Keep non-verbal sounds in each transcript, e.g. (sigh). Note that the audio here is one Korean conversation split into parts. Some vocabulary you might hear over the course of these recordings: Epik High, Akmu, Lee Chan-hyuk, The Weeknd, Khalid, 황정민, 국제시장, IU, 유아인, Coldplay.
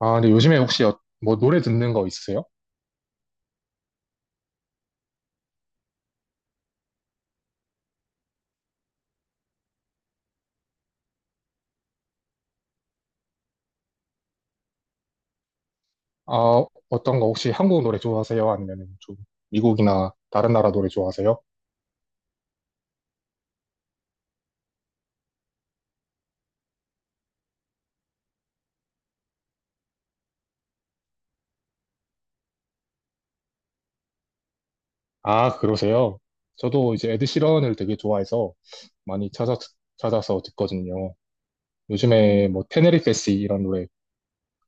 아, 근데 요즘에 혹시 노래 듣는 거 있으세요? 아, 어떤 거 혹시 한국 노래 좋아하세요? 아니면 좀 미국이나 다른 나라 노래 좋아하세요? 아, 그러세요? 저도 이제 에드 시런을 되게 좋아해서 많이 찾아, 찾아서 듣거든요. 요즘에 뭐 테네리페시 이런 노래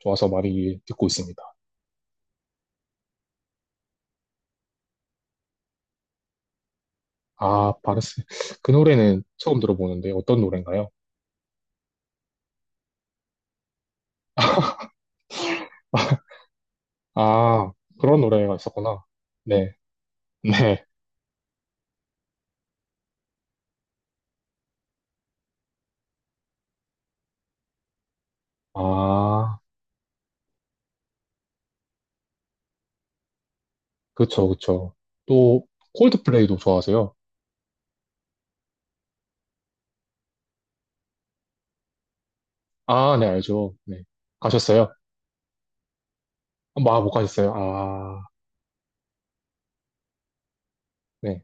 좋아서 많이 듣고 있습니다. 아, 바르스. 그 노래는 처음 들어보는데 어떤 노래인가요? 아, 그런 노래가 있었구나. 네, (laughs) 네. 아, 그쵸, 그쵸. 또 콜드플레이도 좋아하세요? 아, 네, 알죠. 네. 가셨어요? 아, 뭐, 아, 못 가셨어요? 아, 네.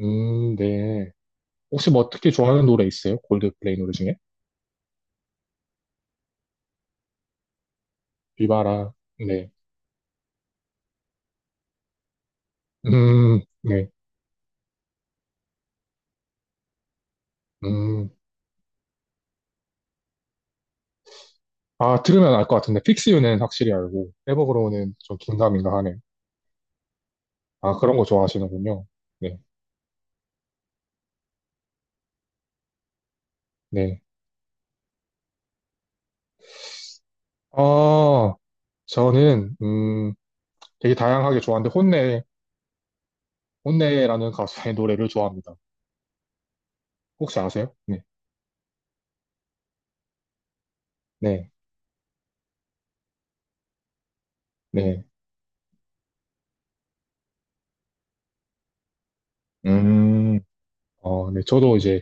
네. 혹시 뭐 특히 좋아하는 노래 있어요? 골드플레이 노래 중에? 비바라, 네. 음, 네. 음. 아, 들으면 알 것 같은데, 픽스유는 확실히 알고, 에버그로우는 좀 긴가민가 하네요. 아, 그런 거 좋아하시는군요. 네, 네. 아, 저는, 되게 다양하게 좋아하는데, 혼내, 혼내라는 가수의 노래를 좋아합니다. 혹시 아세요? 네, 네, 네. 음, 어, 네. 저도 이제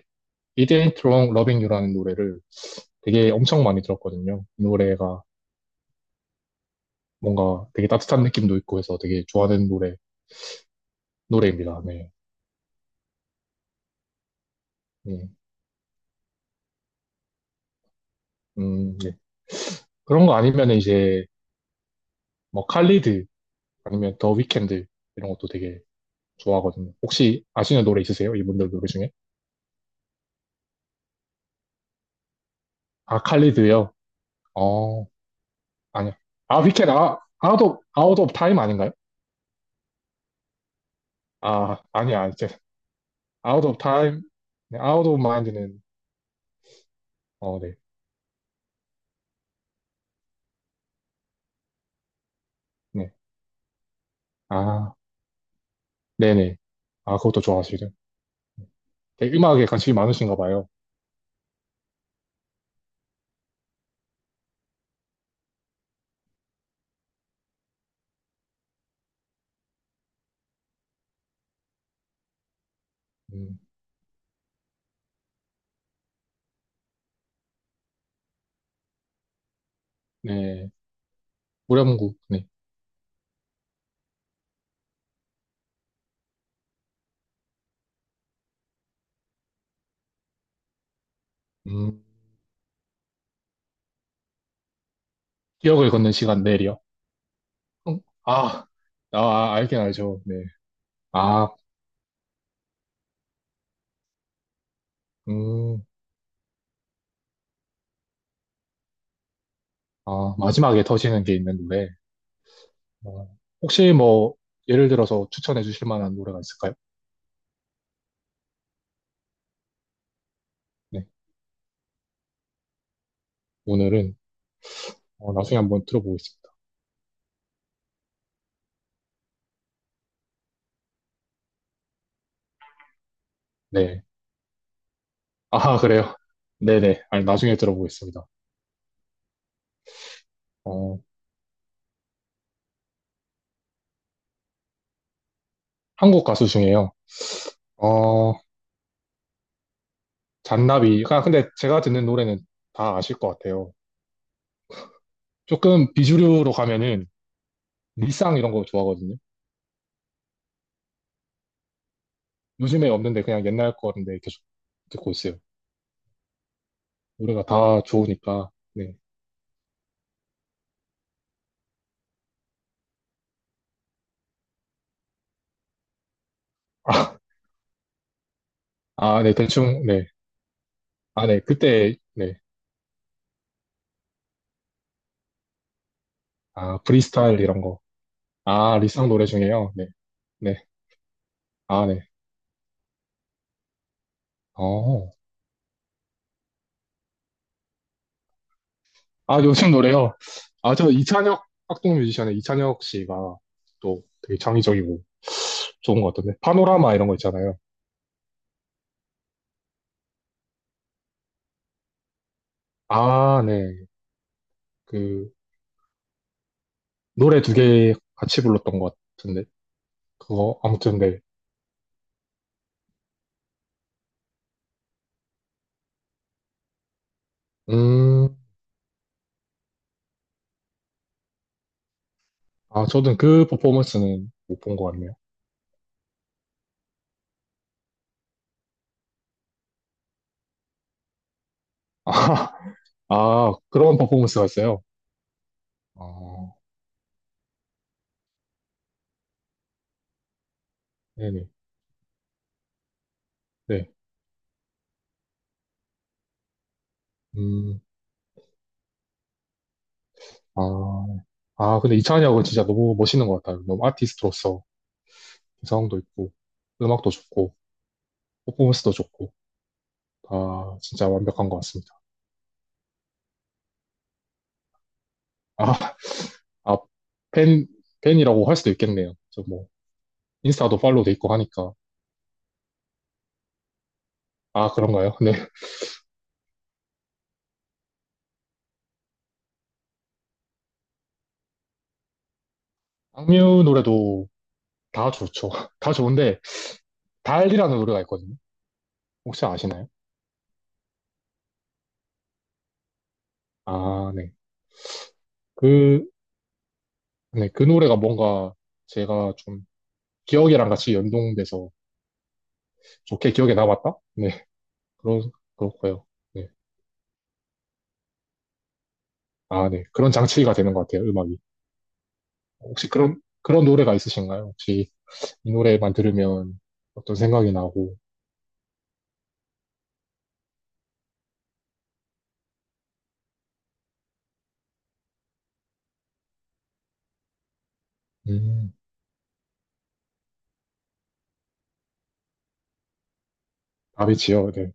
It Ain't Wrong Loving You라는 노래를 되게 엄청 많이 들었거든요. 이 노래가 뭔가 되게 따뜻한 느낌도 있고 해서 되게 노래입니다. 네. 네. 네. 그런 거 아니면 이제 뭐 칼리드 아니면 더 위켄드 이런 것도 되게 좋아하거든요. 혹시 아시는 노래 있으세요? 이분들 노래 중에? 아, 칼리드요? 어, 아니요. 아, 위켄드, 아웃 오브 타임 아닌가요? 아, 아니야, 이제. 아웃 오브 타임, 아웃 오브 마인드는, 어, 네. 네. 아. 네네. 아, 그것도 좋아하시죠. 되게 음악에 관심이 많으신가 봐요. 음, 네. 우량국, 네. 음, 기억을 걷는 시간 내일이요. 아, 아, 아, 알긴 알죠. 네. 아, 음, 아, 마지막에 터지는 게 있는 노래. 어, 혹시 뭐, 예를 들어서 추천해 주실 만한 노래가 있을까요? 네. 오늘은, 어, 나중에 한번 들어보겠습니다. 네. 아, 그래요? 네네. 아니, 나중에 들어보겠습니다. 어, 한국 가수 중에요. 어, 잔나비가 근데 제가 듣는 노래는 다 아실 것 같아요. 조금 비주류로 가면은 리쌍 이런 거 좋아하거든요. 요즘에 없는데 그냥 옛날 거인데 계속 듣고 있어요. 노래가 다 좋으니까. 네. (laughs) 아, 네, 대충, 네. 아, 네, 그때, 네. 아, 프리스타일 이런 거. 아, 리쌍 노래 중에요. 네, 네. 아, 네. 어. 아, 요즘 노래요. 아, 저 이찬혁, 학동 뮤지션의 이찬혁 씨가 또 되게 창의적이고 좋은 것 같던데. 파노라마 이런 거 있잖아요. 아, 네. 그 노래 두 개 같이 불렀던 것 같은데 그거 아무튼 네. 음, 아 저는 그 퍼포먼스는 못 본 것 같네요. (laughs) 아, 아 그런 퍼포먼스가 있어요. 아, 네네. 네. 음, 아, 아 근데 이찬이 형은 진짜 너무 멋있는 것 같아요. 너무 아티스트로서 개성도 있고 음악도 좋고 퍼포먼스도 좋고 다 진짜 완벽한 것 같습니다. 아, 아, 팬, 팬이라고 할 수도 있겠네요. 저 뭐 인스타도 팔로우 돼 있고 하니까. 아, 그런가요? 네. 악뮤 노래도 다 좋죠. (laughs) 다 좋은데, 달이라는 노래가 있거든요. 혹시 아시나요? 아, 네. 그, 네. 그 노래가 뭔가 제가 좀 기억이랑 같이 연동돼서 좋게 기억에 남았다? 네. 그런, 그렇고요. 네. 아, 네. 그런 장치가 되는 것 같아요, 음악이. 혹시 그런, 그런 노래가 있으신가요? 혹시 이 노래만 들으면 어떤 생각이 나고, 음, 다비치요. 네.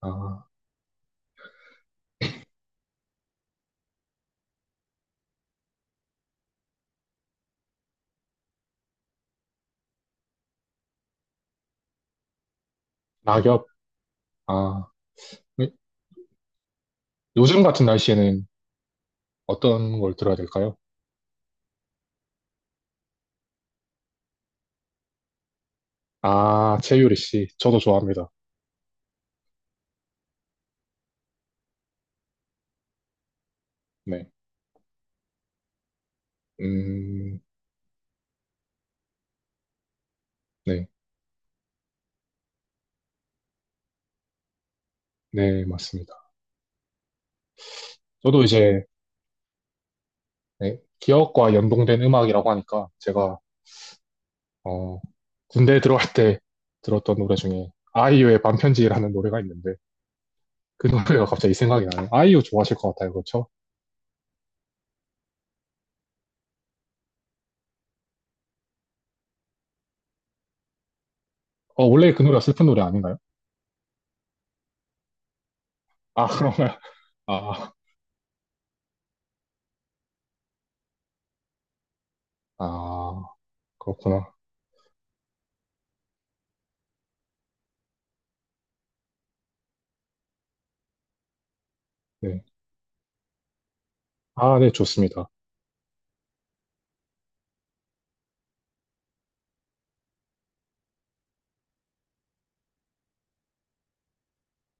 아, 낙엽. 아, 네. 요즘 같은 날씨에는 어떤 걸 들어야 될까요? 아, 최유리 씨. 저도 좋아합니다. 네. 음, 네. 네, 맞습니다. 저도 이제, 네, 기억과 연동된 음악이라고 하니까 제가, 어, 군대에 들어갈 때 들었던 노래 중에 아이유의 반편지라는 노래가 있는데 그 노래가 갑자기 생각이 나네요. 아이유 좋아하실 것 같아요. 그렇죠? 어, 원래 그 노래가 슬픈 노래 아닌가요? 아, 그런가요? 아, 아, 그렇구나. 네. 아, 네, 좋습니다.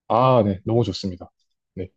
아, 네, 너무 좋습니다. 네.